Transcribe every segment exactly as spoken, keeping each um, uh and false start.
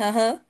Aha.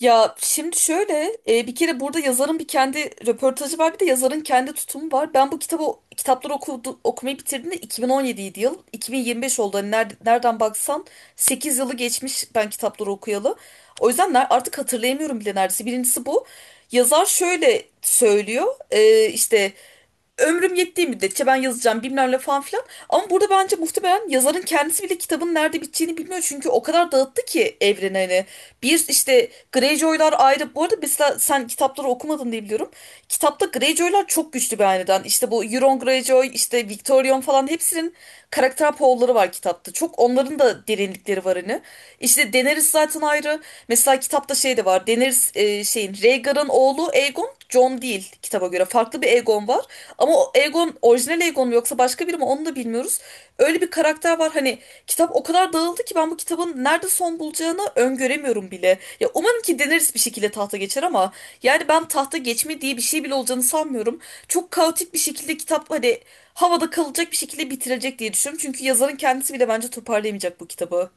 Ya şimdi şöyle e, bir kere burada yazarın bir kendi röportajı var, bir de yazarın kendi tutumu var. Ben bu kitabı kitapları okudu, okumayı bitirdiğimde iki bin on yedi yıl iki bin yirmi beş oldu. Hani nerede- nereden baksan sekiz yılı geçmiş ben kitapları okuyalı. O yüzden ner- artık hatırlayamıyorum bile neredeyse. Birincisi bu. Yazar şöyle söylüyor, e, işte ömrüm yettiği müddetçe ben yazacağım bilmem ne falan filan. Ama burada bence muhtemelen yazarın kendisi bile kitabın nerede biteceğini bilmiyor. Çünkü o kadar dağıttı ki evreni hani. Bir işte Greyjoy'lar ayrı. Bu arada mesela sen kitapları okumadın diye biliyorum. Kitapta Greyjoy'lar çok güçlü bir hanedan. İşte bu Euron Greyjoy, işte Victorion falan hepsinin karakter poğulları var kitapta. Çok onların da derinlikleri var hani. İşte Daenerys zaten ayrı. Mesela kitapta şey de var. Daenerys e, şeyin Rhaegar'ın oğlu Aegon, Jon değil kitaba göre. Farklı bir Aegon var. Ama o Aegon orijinal Aegon mu yoksa başka biri mi, onu da bilmiyoruz. Öyle bir karakter var, hani kitap o kadar dağıldı ki ben bu kitabın nerede son bulacağını öngöremiyorum bile. Ya umarım ki Daenerys bir şekilde tahta geçer ama yani ben tahta geçme diye bir şey bile olacağını sanmıyorum. Çok kaotik bir şekilde kitap hani havada kalacak bir şekilde bitirecek diye düşünüyorum. Çünkü yazarın kendisi bile bence toparlayamayacak bu kitabı.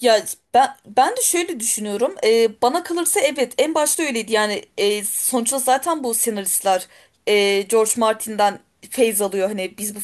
Ya ben ben de şöyle düşünüyorum. Ee, bana kalırsa evet, en başta öyleydi. Yani e, sonuçta zaten bu senaristler e, George Martin'den feyz alıyor. Hani biz bu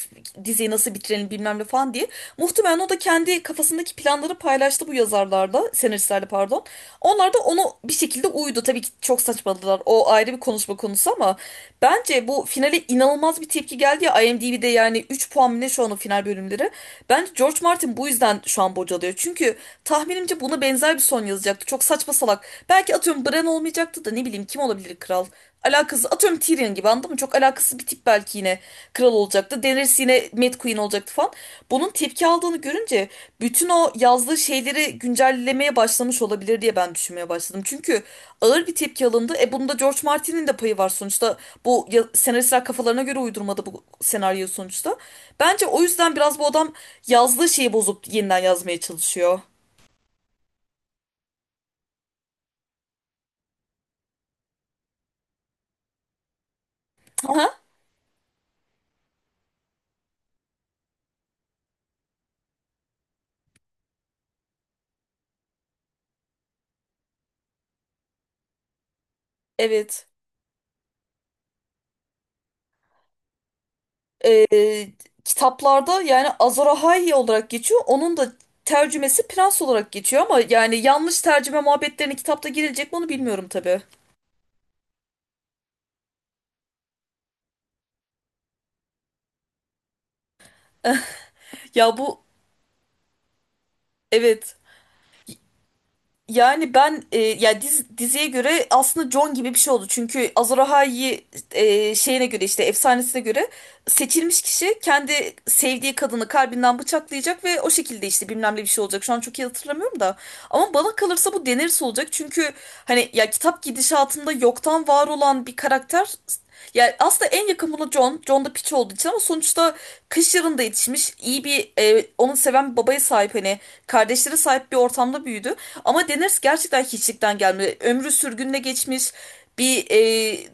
diziyi nasıl bitirelim bilmem ne falan diye. Muhtemelen o da kendi kafasındaki planları paylaştı bu yazarlarda, senaristlerle pardon. Onlar da onu bir şekilde uydu. Tabii ki çok saçmaladılar. O ayrı bir konuşma konusu ama bence bu finale inanılmaz bir tepki geldi ya, IMDb'de yani üç puan mı ne şu an o final bölümleri. Bence George Martin bu yüzden şu an bocalıyor. Çünkü tahminimce buna benzer bir son yazacaktı. Çok saçma salak. Belki atıyorum Bran olmayacaktı da, ne bileyim kim olabilir kral? Alakasız atıyorum Tyrion gibi, anladın mı? Çok alakasız bir tip belki yine kral olacaktı. Daenerys yine Mad Queen olacaktı falan. Bunun tepki aldığını görünce bütün o yazdığı şeyleri güncellemeye başlamış olabilir diye ben düşünmeye başladım. Çünkü ağır bir tepki alındı. E bunda George Martin'in de payı var sonuçta. Bu ya- senaristler kafalarına göre uydurmadı bu senaryo sonuçta. Bence o yüzden biraz bu adam yazdığı şeyi bozup yeniden yazmaya çalışıyor. Aha, evet. Ee, Kitaplarda yani Azor olarak geçiyor. Onun da tercümesi prens olarak geçiyor ama yani yanlış tercüme muhabbetlerine kitapta girilecek mi, onu bilmiyorum tabii. Ya bu evet. Yani ben e, ya diz- diziye göre aslında John gibi bir şey oldu. Çünkü Azor e, şeyine göre, işte efsanesine göre seçilmiş kişi kendi sevdiği kadını kalbinden bıçaklayacak ve o şekilde işte bilmem ne bir şey olacak. Şu an çok iyi hatırlamıyorum da. Ama bana kalırsa bu Daenerys olacak. Çünkü hani ya kitap gidişatında yoktan var olan bir karakter. Ya aslında en yakın buna John. John da piç olduğu için ama sonuçta kış yarında yetişmiş. İyi bir, e, onu seven bir babaya sahip, hani kardeşlere sahip bir ortamda büyüdü. Ama Daenerys gerçekten hiçlikten gelme. Ömrü sürgünle geçmiş. Bir e,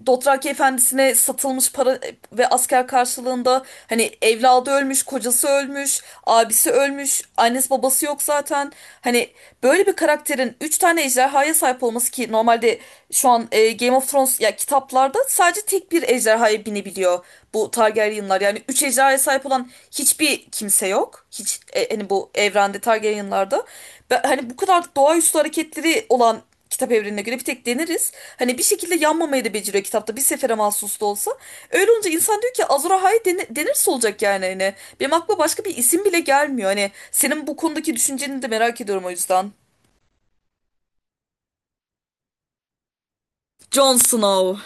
Dothraki efendisine satılmış, para ve asker karşılığında. Hani evladı ölmüş, kocası ölmüş, abisi ölmüş, annesi babası yok zaten. Hani böyle bir karakterin üç tane ejderhaya sahip olması, ki normalde şu an e, Game of Thrones ya kitaplarda sadece tek bir ejderhaya binebiliyor bu Targaryenlar. Yani üç ejderhaya sahip olan hiçbir kimse yok. Hiç e, hani bu evrende, Targaryenlarda. Ben- hani bu kadar doğaüstü hareketleri olan kitap evrenine göre bir tek deniriz. Hani bir şekilde yanmamayı da beceriyor kitapta, bir sefere mahsus da olsa. Öyle olunca insan diyor ki Azor Ahai dene- denirse olacak yani hani. Benim aklıma başka bir isim bile gelmiyor. Hani senin bu konudaki düşünceni de merak ediyorum, o yüzden. Jon Snow.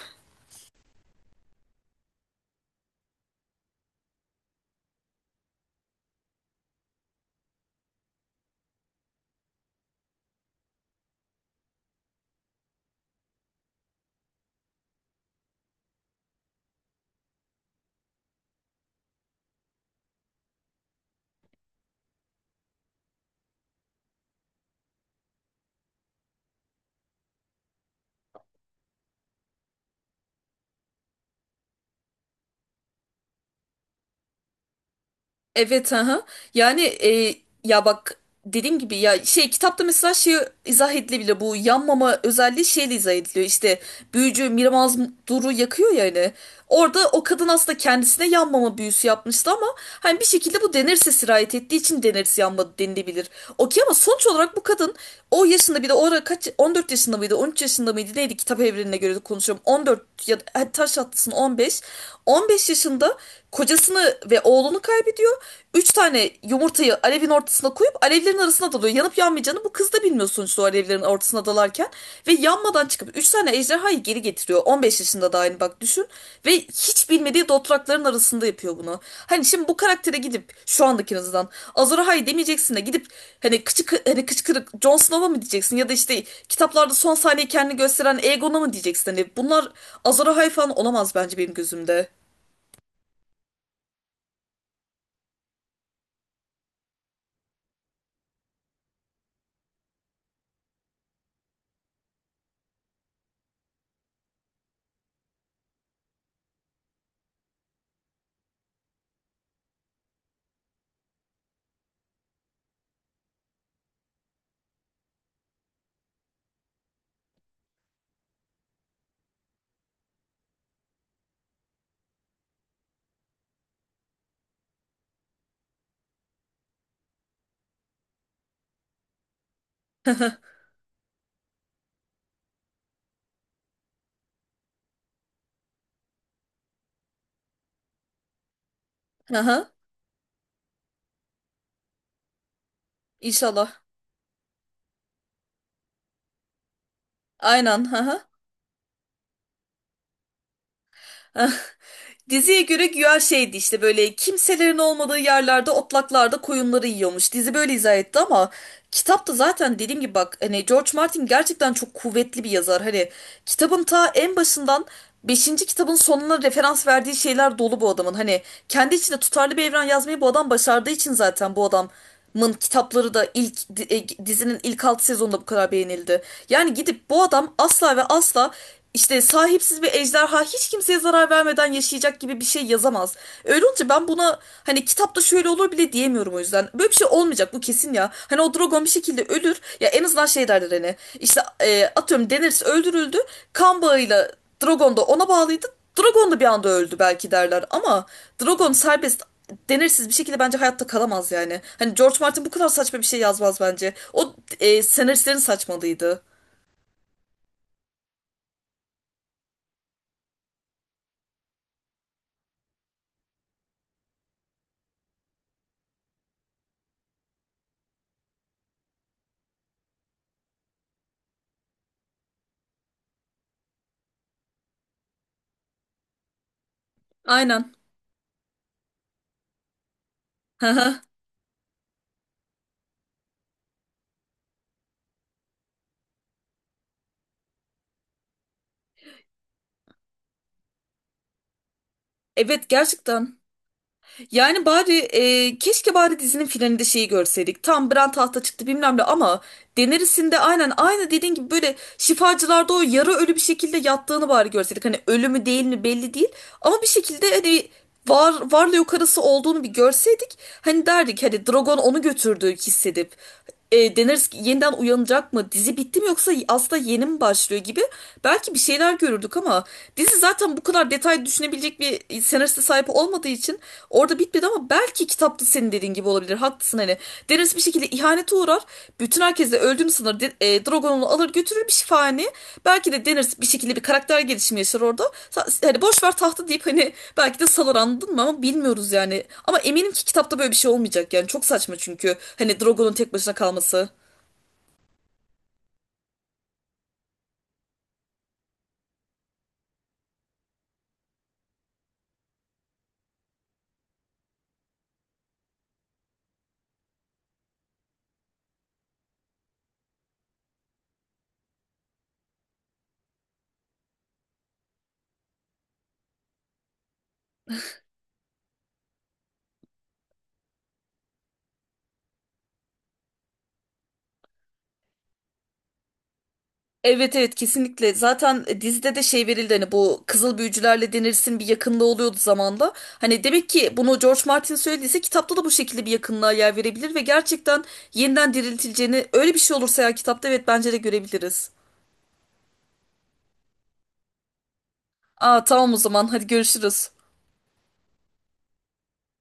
Evet, aha. Yani e, ya bak, dediğim gibi ya şey kitapta mesela şey izah edilebilir, bu yanmama özelliği şeyle izah ediliyor işte, büyücü Miramaz Duru yakıyor ya hani, orada o kadın aslında kendisine yanmama büyüsü yapmıştı ama hani bir şekilde bu Daenerys'e sirayet ettiği için Daenerys yanmadı denilebilir. Okey, ama sonuç olarak bu kadın o yaşında, bir de o ara kaç, on dört yaşında mıydı, on üç yaşında mıydı neydi, kitap evrenine göre de konuşuyorum, on dört ya da hadi taş atlasın on beş on beş yaşında kocasını ve oğlunu kaybediyor. Üç tane yumurtayı alevin ortasına koyup alevlerin arasına dalıyor. Yanıp yanmayacağını bu kız da bilmiyor sonuçta o alevlerin ortasına dalarken. Ve yanmadan çıkıp üç tane ejderhayı geri getiriyor. on beş yaşında da aynı, bak düşün. Ve hiç bilmediği dotrakların arasında yapıyor bunu. Hani şimdi bu karaktere gidip şu andaki en azından Azor Ahai demeyeceksin de gidip hani kıçı, hani kıçkırık Jon Snow'a mı diyeceksin ya da işte kitaplarda son sahneyi kendini gösteren Aegon'a mı diyeceksin? Hani bunlar Azor Ahai falan olamaz bence benim gözümde. Aha, inşallah. Aynen. Aha. Ah, diziye göre güya şeydi, işte böyle kimselerin olmadığı yerlerde otlaklarda koyunları yiyormuş. Dizi böyle izah etti ama kitapta zaten dediğim gibi, bak hani George Martin gerçekten çok kuvvetli bir yazar. Hani kitabın ta en başından beşinci kitabın sonuna referans verdiği şeyler dolu bu adamın. Hani kendi içinde tutarlı bir evren yazmayı bu adam başardığı için zaten bu adam Mın kitapları da ilk e, dizinin ilk altı sezonunda bu kadar beğenildi. Yani gidip bu adam asla ve asla işte sahipsiz bir ejderha hiç kimseye zarar vermeden yaşayacak gibi bir şey yazamaz. Öyle olunca ben buna hani kitapta şöyle olur bile diyemiyorum o yüzden. Böyle bir şey olmayacak bu, kesin ya. Hani o dragon bir şekilde ölür. Ya en azından şey derler, hani işte, e, atıyorum Daenerys öldürüldü. Kan bağıyla Dragon da ona bağlıydı. Dragon da bir anda öldü belki derler ama Dragon serbest denirsiz bir şekilde bence hayatta kalamaz yani. Hani George Martin bu kadar saçma bir şey yazmaz bence. O e, senaristlerin saçmalıydı. Aynen. Evet, gerçekten. Yani bari, e, keşke bari dizinin finalinde şeyi görseydik. Tam Bran tahta çıktı bilmem ne ama Daenerys'in de aynen aynı dediğin gibi böyle şifacılarda o yarı ölü bir şekilde yattığını bari görseydik. Hani ölü mü değil mi belli değil ama bir şekilde hani var, varlığı yok arası olduğunu bir görseydik. Hani derdik hani Drogon onu götürdü, hissedip. E, Daenerys yeniden uyanacak mı? Dizi bitti mi yoksa aslında yeni mi başlıyor gibi belki bir şeyler görürdük ama dizi zaten bu kadar detay düşünebilecek bir senariste sahip olmadığı için orada bitmedi. Ama belki kitapta senin dediğin gibi olabilir. Haklısın hani. Daenerys bir şekilde ihanete uğrar. Bütün herkes de öldüğünü sanır. De- e, Drogon onu alır götürür bir şifahane. Belki de Daenerys bir şekilde bir karakter gelişimi yaşar orada. Sa- Hani boş ver tahtı deyip hani belki de salır, anladın mı? Ama bilmiyoruz yani. Ama eminim ki kitapta böyle bir şey olmayacak yani. Çok saçma çünkü. Hani Drogon'un tek başına kalması. Evet, evet, kesinlikle. Zaten dizide de şey verildi hani, bu kızıl büyücülerle denirsin bir yakınlığı oluyordu zamanda. Hani demek ki bunu George Martin söylediyse kitapta da bu şekilde bir yakınlığa yer verebilir ve gerçekten yeniden diriltileceğini, öyle bir şey olursa ya kitapta, evet bence de görebiliriz. Aa, tamam, o zaman hadi görüşürüz.